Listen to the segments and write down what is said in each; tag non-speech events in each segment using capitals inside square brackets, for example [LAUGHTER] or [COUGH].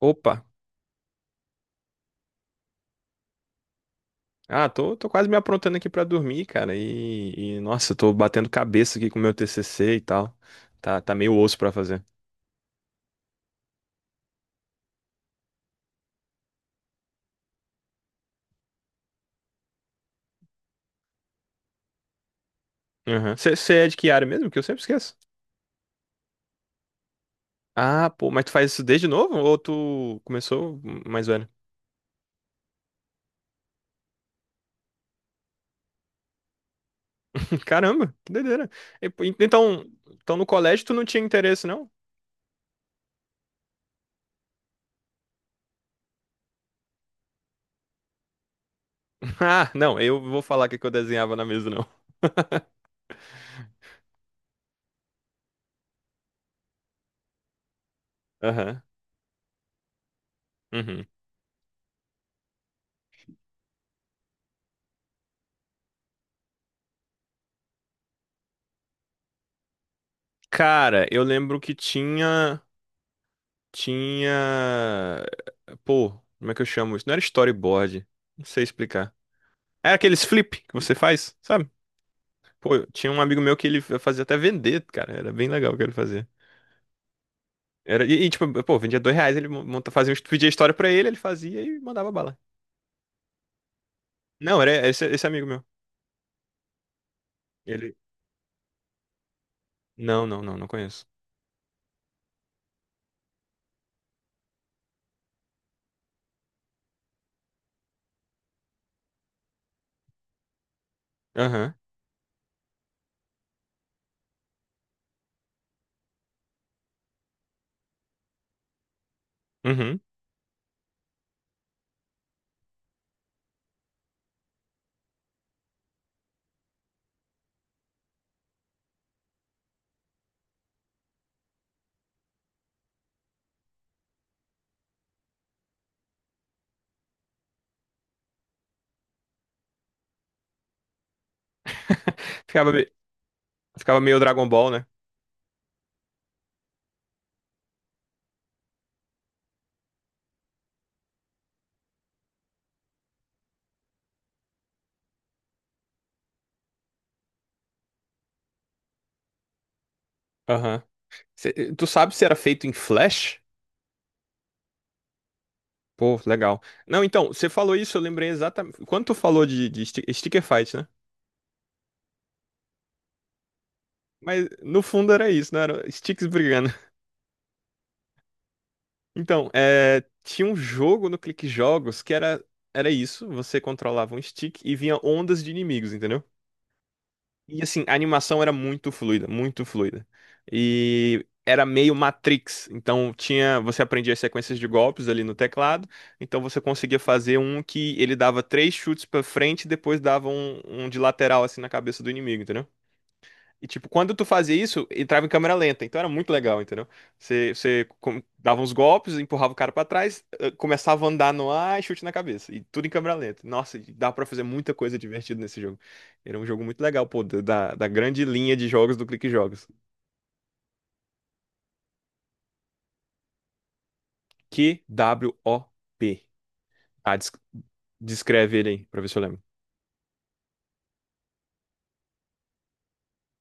Opa! Ah, tô quase me aprontando aqui pra dormir, cara. E, nossa, tô batendo cabeça aqui com o meu TCC e tal. Tá meio osso pra fazer. Você é de que área mesmo? Que eu sempre esqueço. Ah, pô, mas tu faz isso desde novo? Ou tu começou mais velho? [LAUGHS] Caramba, que doideira. E, pô, então no colégio tu não tinha interesse, não? [LAUGHS] Ah, não, eu vou falar o que que eu desenhava na mesa, não. Aham. Uhum. Cara, eu lembro que tinha. Tinha. Pô, como é que eu chamo isso? Não era storyboard. Não sei explicar. Era aqueles flip que você faz, sabe? Pô, tinha um amigo meu que ele fazia até vender, cara. Era bem legal o que ele fazia. E, tipo, pô, vendia R$ 2, ele mon- monta... fazia... um- est- pedia história pra ele, ele fazia e mandava bala. Não, era esse amigo meu. Ele. Não, não, não, não conheço. Aham. Uhum. [LAUGHS] Ficava, me- Ficava meio Dragon Ball, né? Aham. Tu sabe se era feito em Flash? Pô, legal. Não, então, você falou isso, eu lembrei exatamente. Quando tu falou de sticker fight, né? Mas no fundo era isso, não era sticks brigando. [LAUGHS] Então, é, tinha um jogo no Clique Jogos que era isso, você controlava um stick e vinha ondas de inimigos, entendeu? E assim, a animação era muito fluida, muito fluida. E era meio Matrix, então tinha, você aprendia as sequências de golpes ali no teclado, então você conseguia fazer um que ele dava três chutes pra frente e depois dava um de lateral assim na cabeça do inimigo, entendeu? E, tipo, quando tu fazia isso, entrava em câmera lenta. Então era muito legal, entendeu? Você dava uns golpes, empurrava o cara pra trás, começava a andar no ar e chute na cabeça. E tudo em câmera lenta. Nossa, e dava pra fazer muita coisa divertida nesse jogo. Era um jogo muito legal, pô, da grande linha de jogos do Clique Jogos. QWOP. Ah, descreve ele aí, pra ver se eu lembro.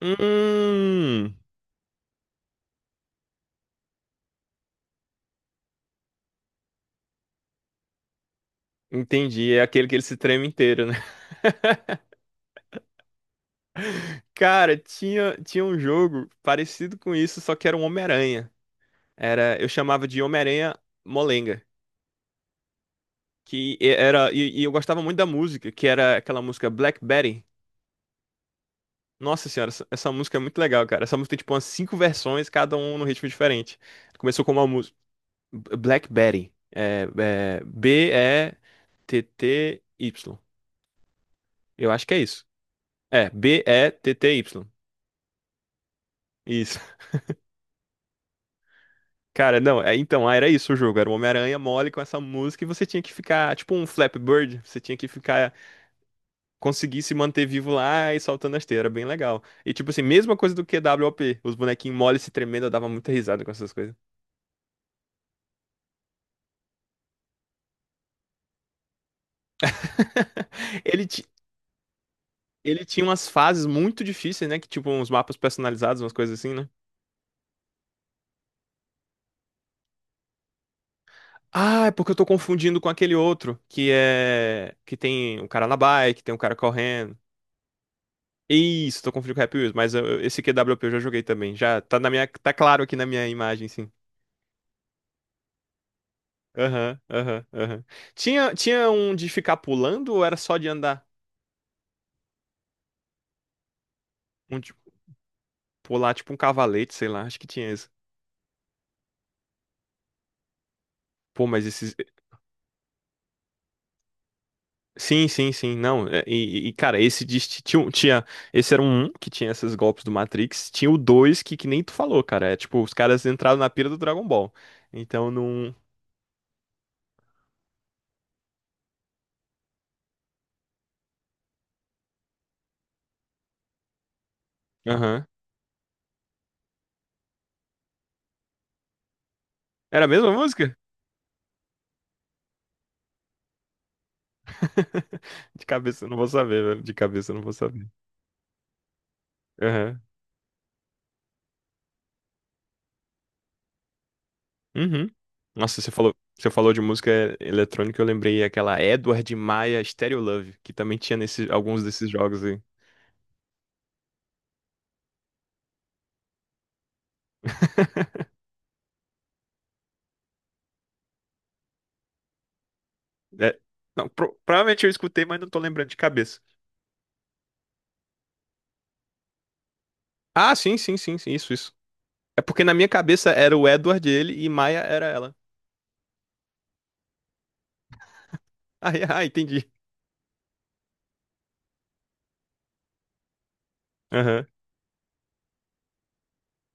Hum, entendi. É aquele que ele se treme inteiro, né? [LAUGHS] Cara, tinha um jogo parecido com isso, só que era um Homem-Aranha. Eu chamava de Homem-Aranha Molenga, que era e eu gostava muito da música, que era aquela música Black Betty. Nossa senhora, essa música é muito legal, cara. Essa música tem tipo umas cinco versões, cada um num ritmo diferente. Começou com uma música Black Betty, Betty. Eu acho que é isso. É, Betty. Isso. [LAUGHS] Cara, não, é, então, ah, era isso o jogo, era o Homem-Aranha mole com essa música e você tinha que ficar, tipo um Flappy Bird, você tinha que ficar conseguir se manter vivo lá e soltando a esteira, era bem legal. E tipo assim, mesma coisa do QWOP, os bonequinhos moles se tremendo, eu dava muita risada com essas coisas. [LAUGHS] Ele, ti- Ele tinha umas fases muito difíceis, né? Que tipo uns mapas personalizados, umas coisas assim, né? Ah, é porque eu tô confundindo com aquele outro, que é. Que tem um cara na bike, tem um cara correndo. Isso, tô confundindo com o Happy Wheels, mas esse QWP eu já joguei também. Já tá na minha. Tá claro aqui na minha imagem, sim. Aham, aham, aham. Tinha um de ficar pulando ou era só de andar? Um, tipo, pô, lá, tipo um cavalete, sei lá, acho que tinha esse. Pô, mas esses. Sim, sim, sim, não. E, cara, esse tinha. Esse era um que tinha esses golpes do Matrix. Tinha o dois que nem tu falou, cara. É tipo, os caras entraram na pira do Dragon Ball. Então não. Aham. Era a mesma música? [LAUGHS] De cabeça eu não vou saber, velho. De cabeça eu não vou saber. Aham. Uhum. Nossa, você falou de música eletrônica, eu lembrei aquela Edward Maia Stereo Love, que também tinha nesse, alguns desses jogos aí. [LAUGHS] É, não, provavelmente eu escutei, mas não tô lembrando de cabeça. Ah, sim, sim, sim, sim, isso, isso. É porque na minha cabeça era o Edward ele e Maia era ela. Ah, [LAUGHS] ah, entendi. Aham.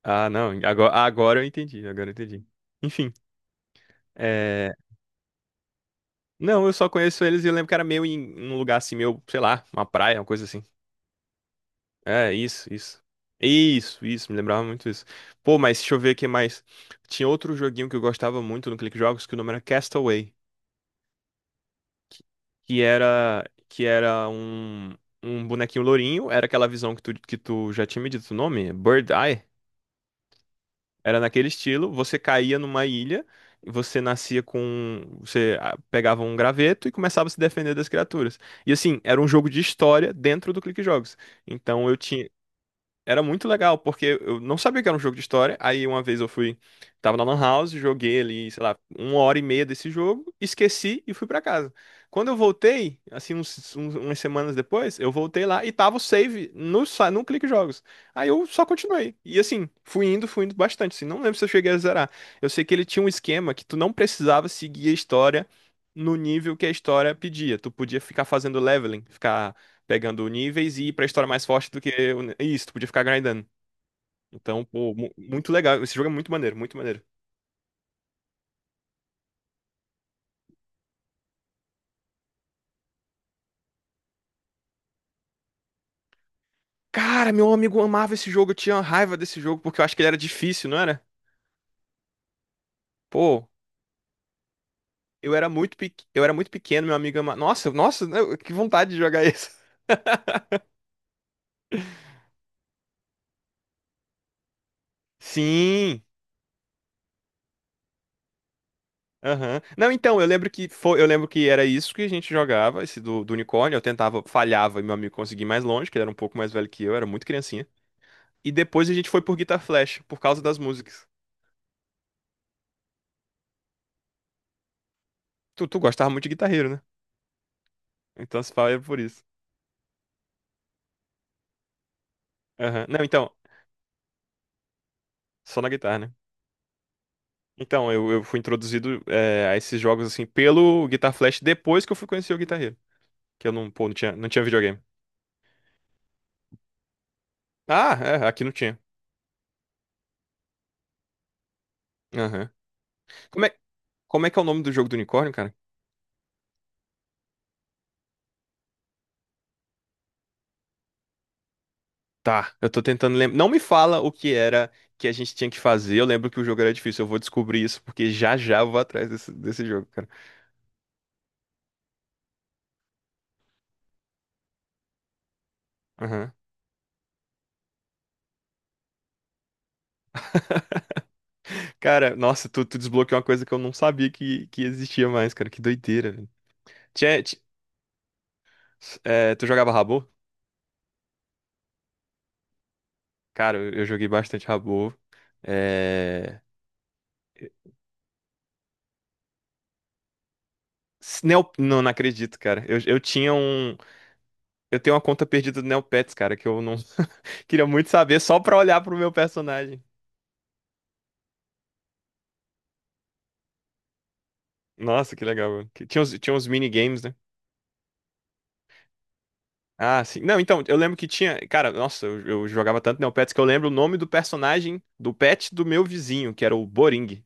Ah, não, agora, agora eu entendi, agora eu entendi. Enfim, é... Não, eu só conheço eles e eu lembro que era meio em um lugar assim, meio, sei lá, uma praia, uma coisa assim. É, isso, isso. Isso, me lembrava muito isso. Pô, mas deixa eu ver o que mais. Tinha outro joguinho que eu gostava muito no Click Jogos que o nome era Castaway, que que era um bonequinho lourinho, era aquela visão que tu já tinha me dito o nome, Bird Eye, era naquele estilo, você caía numa ilha, você nascia com, você pegava um graveto e começava a se defender das criaturas. E assim, era um jogo de história dentro do Clique Jogos. Então eu tinha era muito legal, porque eu não sabia que era um jogo de história. Aí uma vez eu fui, tava na Lan House, joguei ali, sei lá, uma hora e meia desse jogo, esqueci e fui pra casa. Quando eu voltei, assim, umas semanas depois, eu voltei lá e tava o save no Clique Jogos. Aí eu só continuei. E assim, fui indo bastante, assim, não lembro se eu cheguei a zerar. Eu sei que ele tinha um esquema que tu não precisava seguir a história no nível que a história pedia. Tu podia ficar fazendo leveling, ficar pegando níveis e ir pra história mais forte do que. Isso, tu podia ficar grindando. Então, pô, muito legal. Esse jogo é muito maneiro, muito maneiro. Cara, meu amigo amava esse jogo, eu tinha raiva desse jogo, porque eu acho que ele era difícil, não era? Pô, eu era muito pequeno, meu amigo amava. Nossa, nossa, que vontade de jogar isso. [LAUGHS] Sim. Aham. Não, então, eu lembro que era isso que a gente jogava, esse do unicórnio. Eu tentava, falhava e meu amigo conseguia ir mais longe, que ele era um pouco mais velho que eu, era muito criancinha. E depois a gente foi por Guitar Flash, por causa das músicas. Tu gostava muito de guitarreiro, né? Então se fala é por isso. Aham. Não, então, só na guitarra, né? Então, eu fui introduzido a esses jogos assim pelo Guitar Flash depois que eu fui conhecer o guitarreiro. Que eu não, pô, não tinha, não tinha videogame. Ah, é, aqui não tinha. Aham. Como é, como é que é o nome do jogo do unicórnio, cara? Tá, eu tô tentando lembrar. Não me fala o que era que a gente tinha que fazer. Eu lembro que o jogo era difícil. Eu vou descobrir isso, porque já já eu vou atrás desse jogo, cara. Aham. Cara, nossa, tu desbloqueou uma coisa que eu não sabia que existia mais, cara. Que doideira, velho. Tinha, É, tu jogava Rabo? Cara, eu joguei bastante Rabo. É... Não, não acredito, cara. Eu tinha um. Eu tenho uma conta perdida do Neopets, cara, que eu não [LAUGHS] queria muito saber só pra olhar pro meu personagem. Nossa, que legal. Mano. Tinha uns minigames, né? Ah, sim. Não, então, eu lembro que tinha. Cara, nossa, eu jogava tanto Neopets que eu lembro o nome do personagem do pet do meu vizinho, que era o Boring.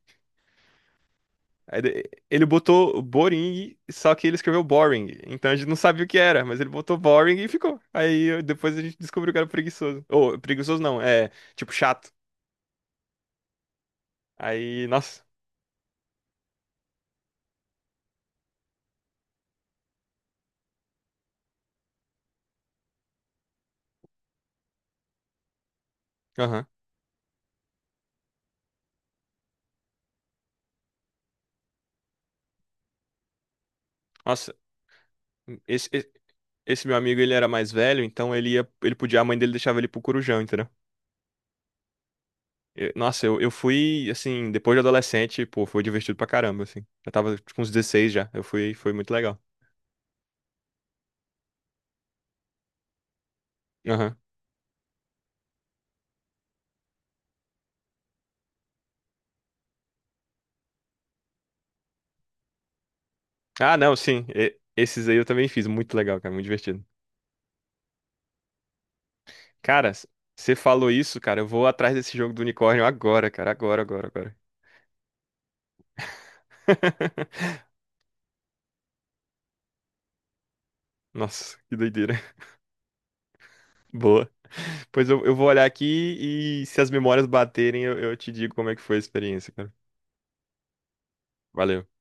Ele botou Boring, só que ele escreveu Boring. Então a gente não sabia o que era, mas ele botou Boring e ficou. Aí depois a gente descobriu que era preguiçoso. Ou, preguiçoso não, é tipo chato. Aí, nossa. Aham. Nossa, esse, esse, esse meu amigo ele era mais velho, então ele podia, a mãe dele deixava ele pro Corujão, entendeu? Nossa, eu fui, assim, depois de adolescente, pô, foi divertido pra caramba, assim. Eu tava tipo, com uns 16 já, foi muito legal. Aham. Ah, não, sim, esses aí eu também fiz, muito legal, cara, muito divertido. Cara, você falou isso, cara. Eu vou atrás desse jogo do unicórnio agora, cara. Agora, agora, agora. [LAUGHS] Nossa, que doideira. [LAUGHS] Boa. Pois eu vou olhar aqui e se as memórias baterem, eu te digo como é que foi a experiência, cara. Valeu.